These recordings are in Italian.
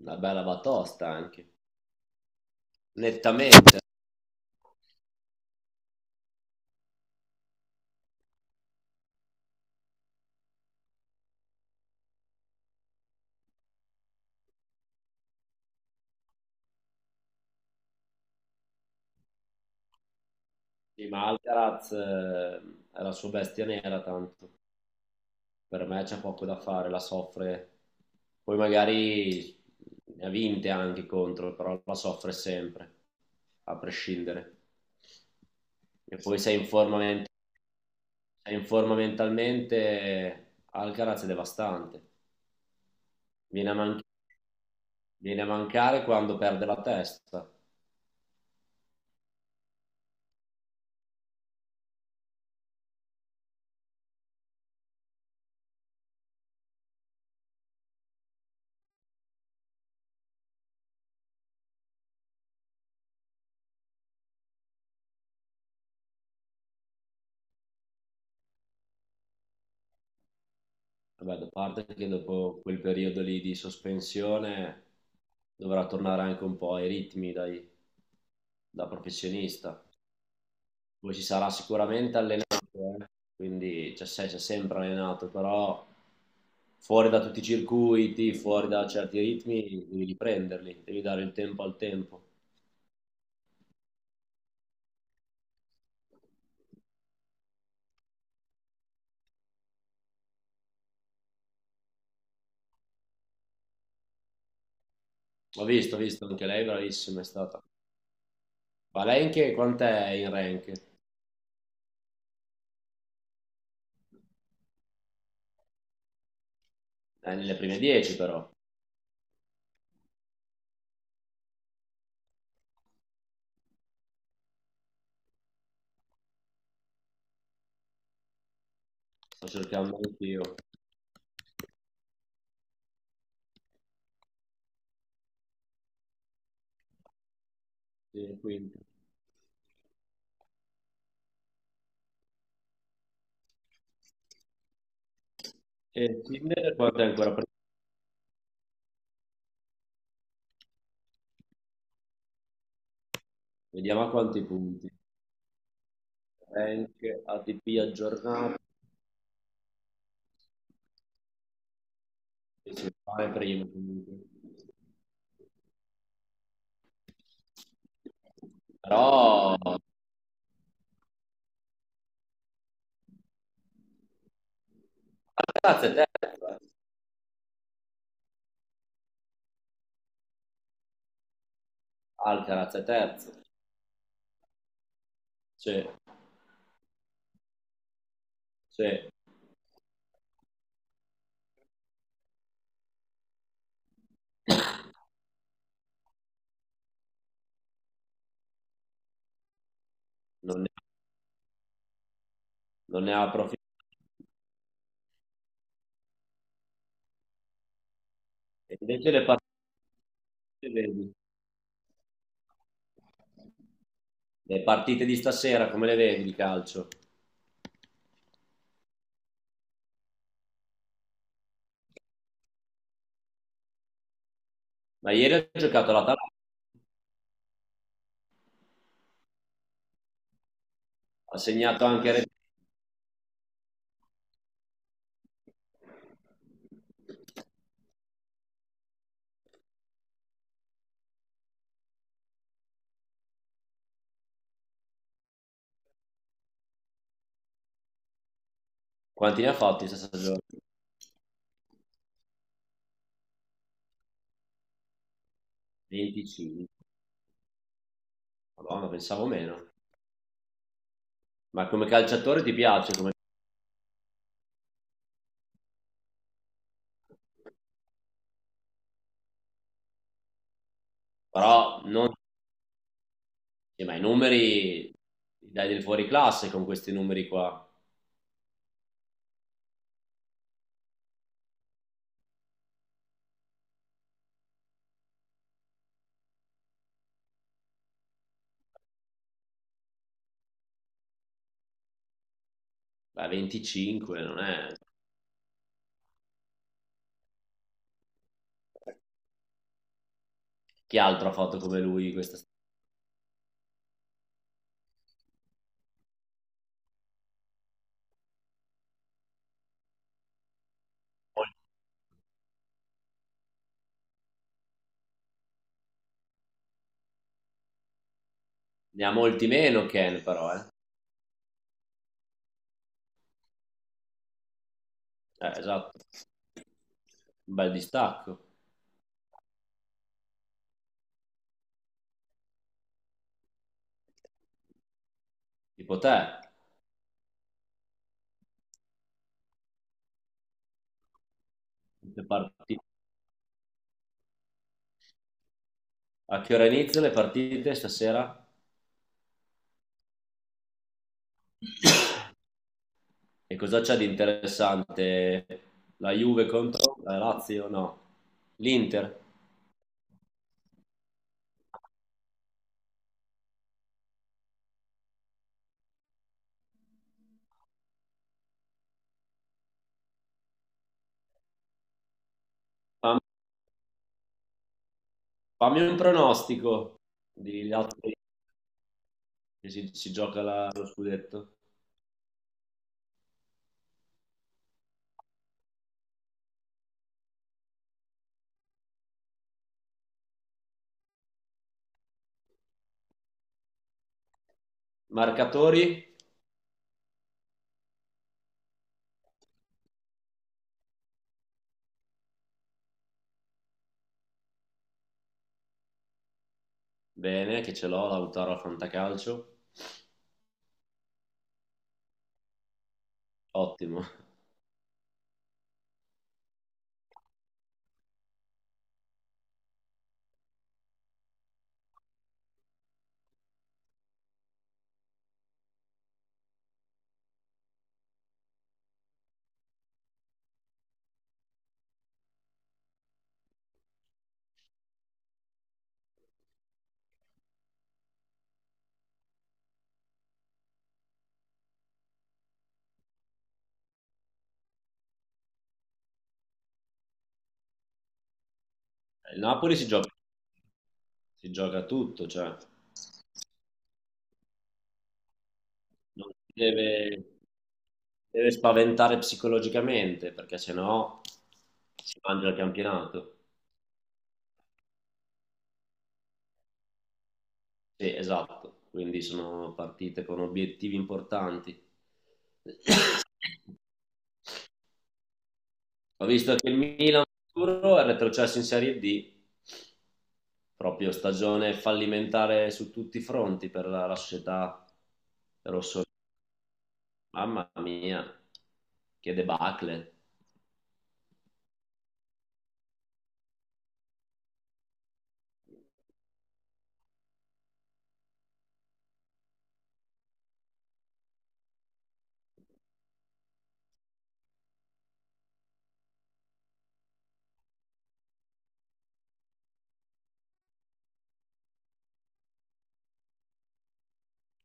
Una bella batosta anche, nettamente. Sì, ma Alcaraz è la sua bestia nera, tanto per me c'è poco da fare, la soffre. Poi magari ne ha vinte anche contro, però la soffre sempre, a prescindere. E poi se è in forma, ment- se è in forma mentalmente, Alcaraz è devastante. Viene a, man- Viene a mancare quando perde la testa. Vabbè, da parte che dopo quel periodo lì di sospensione dovrà tornare anche un po' ai ritmi da professionista. Poi si sarà sicuramente allenato, quindi cioè, si è sempre allenato, però fuori da tutti i circuiti, fuori da certi ritmi, devi riprenderli, devi dare il tempo al tempo. Ho visto, anche lei bravissima è stata. Ma lei in che, quant'è in rank? È nelle prime 10 però, sto cercando anch'io, sì, quinto. E Tinder quanto è ancora presente? Vediamo a quanti punti. Rank, ATP aggiornato, si fa prima comunque. Però Alcaraz è terzo, eh. Alcaraz è terzo. Cioè, cioè, non ne, non ne ha approfittato. E invece le partite, vedi, le partite di stasera, come le vedi di calcio? Ma ieri ha giocato l'Atalanta, ha segnato anche... Quanti ne ha fatti in 60 giorni? 25. Madonna, pensavo meno. Ma come calciatore ti piace, però non... ma i numeri dai del fuori classe con questi numeri qua. Beh, 25, non è... Chi altro ha fatto come lui questa stagione? Ne ha molti meno Ken, però, eh. Esatto. Un bel distacco. Tipo te, le parti- a che ora iniziano le partite stasera? E cosa c'è di interessante? La Juve contro la Lazio? No. L'Inter? Fam- Fammi un pronostico di Lazio che si gioca lo scudetto. Marcatori, bene, che ce l'ho, Lautaro al Fantacalcio, ottimo. Il Napoli si gioca tutto, cioè non si deve, deve spaventare psicologicamente, perché sennò si mangia il campionato. Sì, esatto, quindi sono partite con obiettivi importanti. Ho visto che il Milan è retrocesso in Serie D, proprio stagione fallimentare su tutti i fronti per la società rosso. Mamma mia, che debacle.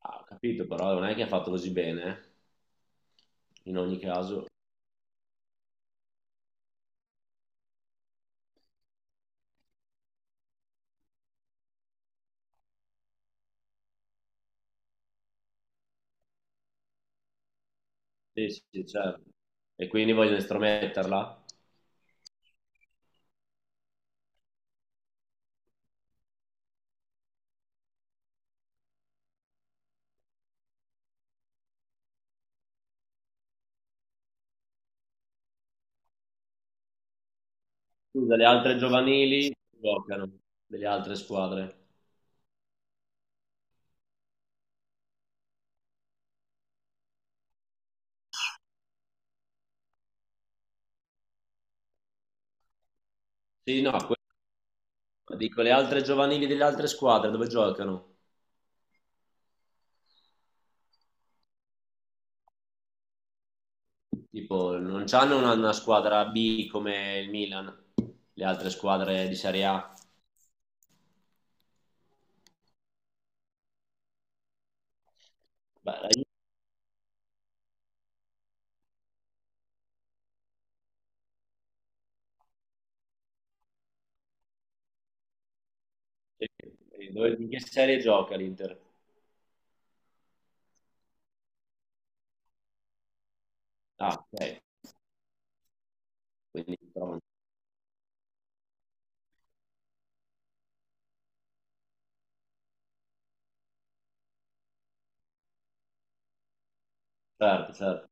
Ah, ho capito, però non è che ha fatto così bene, eh, in ogni caso. Sì, sì, certo. E quindi vogliono estrometterla? Scusa, le altre giovanili giocano, delle altre squadre. Sì, no, dico le altre giovanili delle altre squadre dove giocano? Tipo, non hanno una squadra B come il Milan, le altre squadre di Serie A. Beh, la Juve. Eh, in che serie gioca l'Inter? Ah, ok, quindi però, certo, certo.